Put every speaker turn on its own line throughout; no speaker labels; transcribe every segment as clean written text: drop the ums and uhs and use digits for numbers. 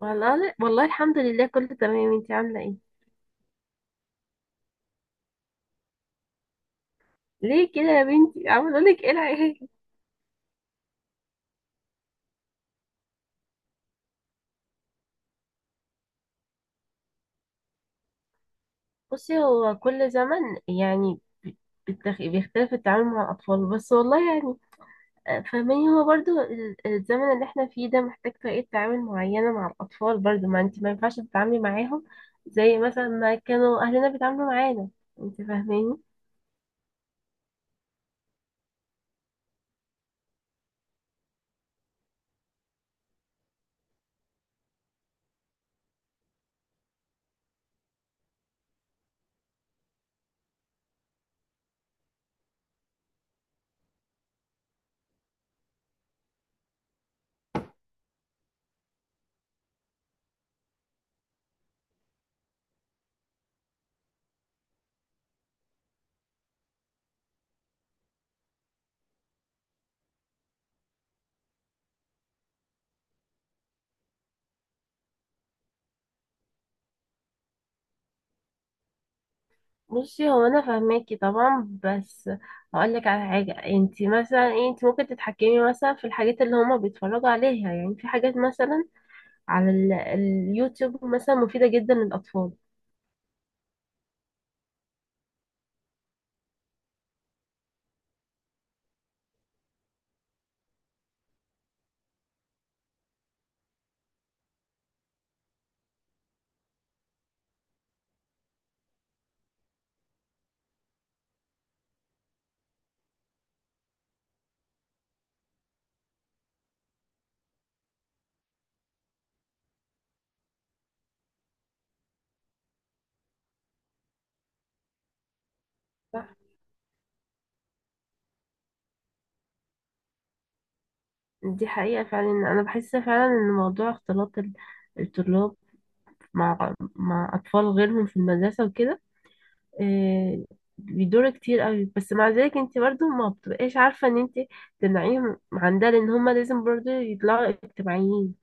والله والله، الحمد لله كله تمام. انتي عاملة ايه؟ ليه كده يا بنتي، عاملة لك ايه العيال؟ بصي، هو كل زمن يعني، ب- بيختلف التعامل مع الأطفال. بس والله يعني فاهماني، هو برضو الزمن اللي احنا فيه ده محتاج طريقة تعامل معينة مع الأطفال، برضو. ما انتي ما ينفعش تتعاملي معاهم زي مثلا ما كانوا أهلنا بيتعاملوا معانا. انتي فاهماني؟ بصي، هو انا فاهماكي طبعا، بس هقول لك على حاجه. انت مثلا ايه، انت ممكن تتحكمي مثلا في الحاجات اللي هما بيتفرجوا عليها. يعني في حاجات مثلا على اليوتيوب مثلا مفيده جدا للاطفال. صح. دي حقيقه فعلا. انا بحس فعلا ان موضوع اختلاط الطلاب مع اطفال غيرهم في المدرسه وكده، إيه، بيدور كتير قوي. بس مع ذلك انت برضو ما بتبقاش عارفه ان انت تمنعيهم عن ده، لان هما لازم برضو يطلعوا اجتماعيين.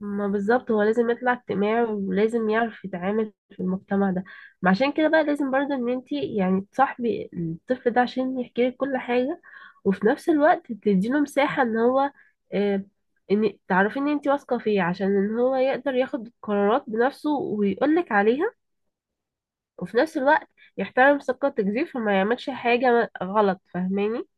ما بالظبط، هو لازم يطلع اجتماعي ولازم يعرف يتعامل في المجتمع ده. ما عشان كده بقى لازم برضه ان انتي يعني تصاحبي الطفل ده عشان يحكي لك كل حاجة، وفي نفس الوقت تديله مساحة ان هو، آه ان تعرفي ان انتي واثقة فيه عشان ان هو يقدر ياخد قرارات بنفسه ويقول لك عليها. وفي نفس الوقت يحترم ثقتك دي، فما يعملش حاجة غلط. فاهماني؟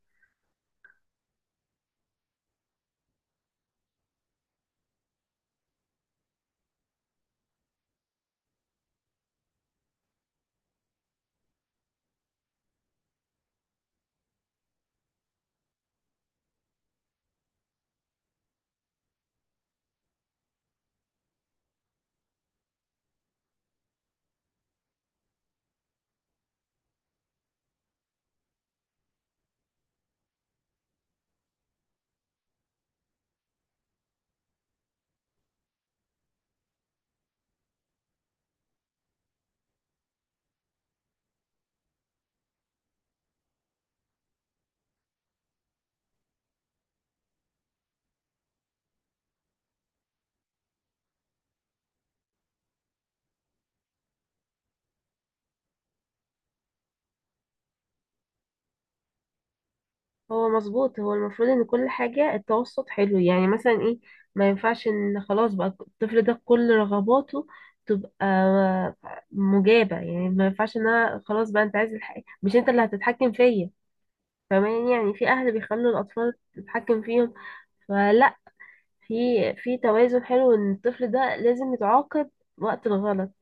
هو مظبوط، هو المفروض ان كل حاجة التوسط حلو. يعني مثلا ايه، ما ينفعش ان خلاص بقى الطفل ده كل رغباته تبقى مجابة. يعني ما ينفعش ان انا خلاص بقى انت عايز الحاجة، مش انت اللي هتتحكم فيا. فمان يعني في اهل بيخلوا الاطفال تتحكم فيهم. فلا، في في توازن حلو ان الطفل ده لازم يتعاقب وقت الغلط.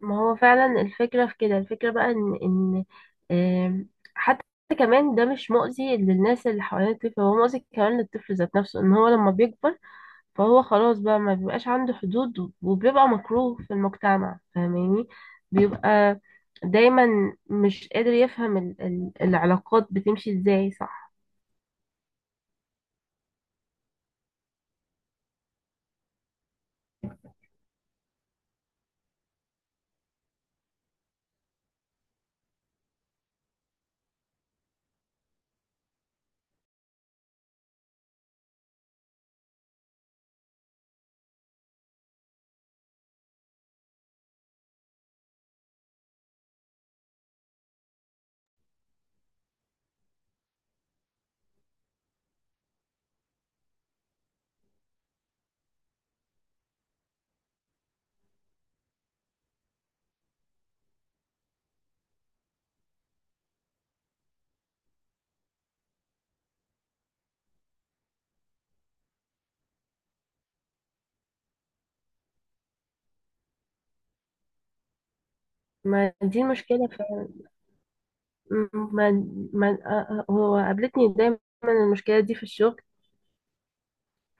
ما هو فعلا الفكرة في كده. الفكرة بقى ان آم، حتى كمان ده مش مؤذي للناس اللي حوالين الطفل، هو مؤذي كمان للطفل ذات نفسه، ان هو لما بيكبر فهو خلاص بقى ما بيبقاش عنده حدود وبيبقى مكروه في المجتمع. فاهماني؟ بيبقى دايما مش قادر يفهم ال العلاقات بتمشي ازاي. صح. ما دي مشكلة فعلا. ما ما آه، آه، هو قابلتني دايما المشكلة دي في الشغل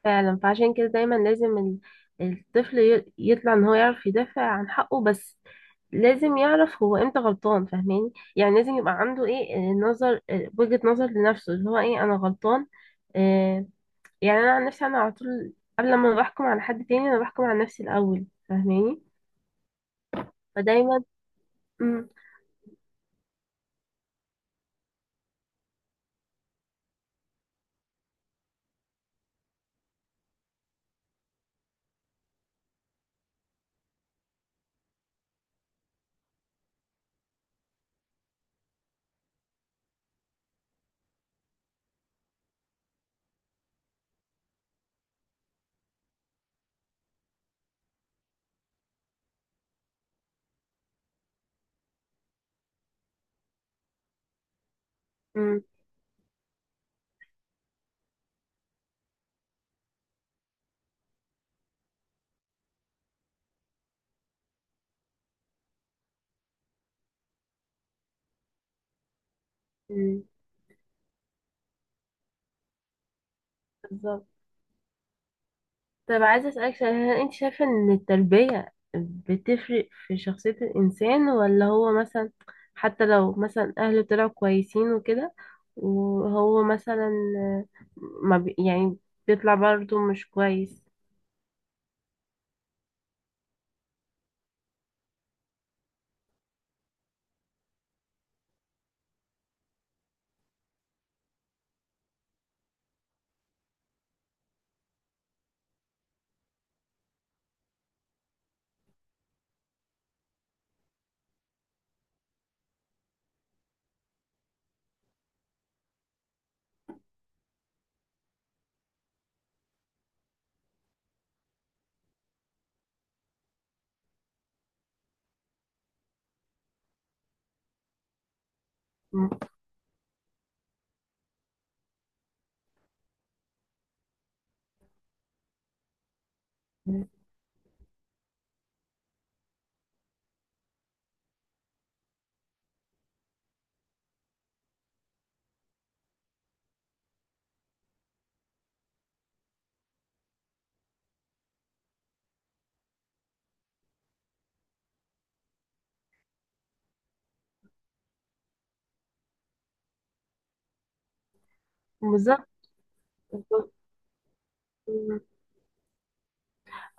فعلا. فعشان كده دايما لازم الطفل يطلع ان هو يعرف يدافع عن حقه. بس لازم يعرف هو امتى غلطان. فاهماني؟ يعني لازم يبقى عنده ايه، نظر، وجهة نظر لنفسه، اللي هو ايه، انا غلطان. آه يعني انا عن نفسي انا على طول قبل ما بحكم على حد تاني انا بحكم على نفسي الاول. فاهماني؟ فدايما امم امم بالظبط. طب عايزة أسألك سؤال، هل أنت شايفة إن التربية بتفرق في شخصية الإنسان، ولا هو مثلا حتى لو مثلا أهله طلعوا كويسين وكده، وهو مثلا ما بي يعني بيطلع برضه مش كويس؟ م- بالظبط. بالظبط.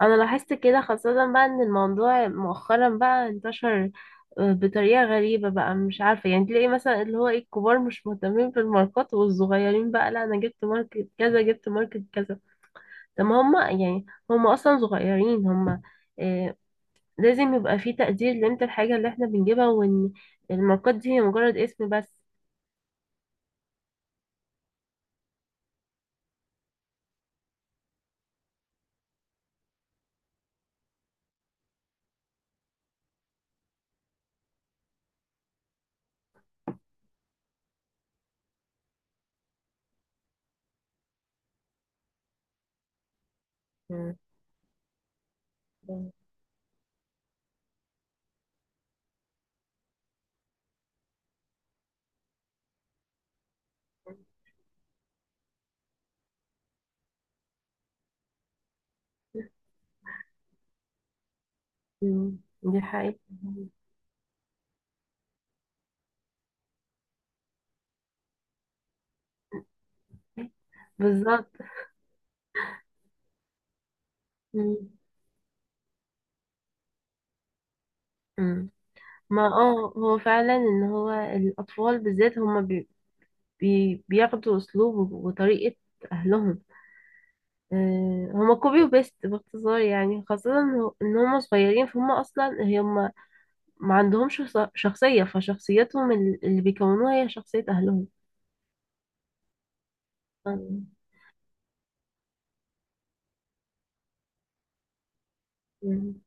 انا لاحظت كده، خاصة بقى ان الموضوع مؤخرا بقى انتشر بطريقة غريبة بقى، مش عارفة. يعني تلاقي مثلا اللي هو ايه، الكبار مش مهتمين بالماركات، والصغيرين بقى لا انا جبت ماركت كذا، جبت ماركت كذا. طب ما هما يعني هما اصلا صغيرين، هما آه لازم يبقى في تقدير لقيمة الحاجة اللي احنا بنجيبها، وان الماركات دي هي مجرد اسم بس. مم. مم، دي حقيقة. بالظبط. مم. مم. ما هو فعلا ان هو الاطفال بالذات هما بي بياخدوا اسلوب وطريقة اهلهم. هما كوبي وبيست باختصار، يعني خاصة إن هما صغيرين فهم اصلا هما ما عندهمش شخصية، فشخصيتهم اللي بيكونوها هي شخصية اهلهم. آه. مم.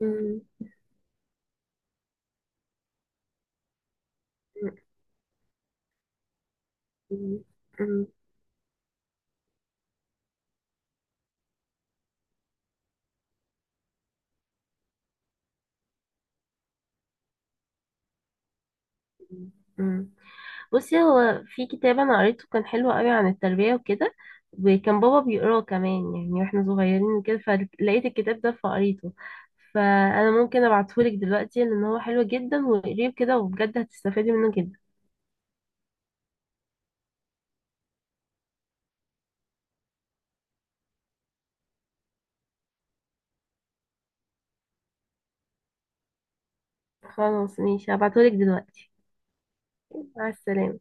مم. مم. مم. مم. بصي، هو في كتاب انا قريته كان حلو قوي عن التربية وكده، وكان بابا بيقراه كمان يعني واحنا صغيرين وكده، فلقيت الكتاب ده فقريته. فانا ممكن ابعتهولك دلوقتي لان هو حلو جدا، واقريه كده وبجد هتستفادي منه جدا. خلاص، ماشي، هبعتهولك دلوقتي. مع السلامة.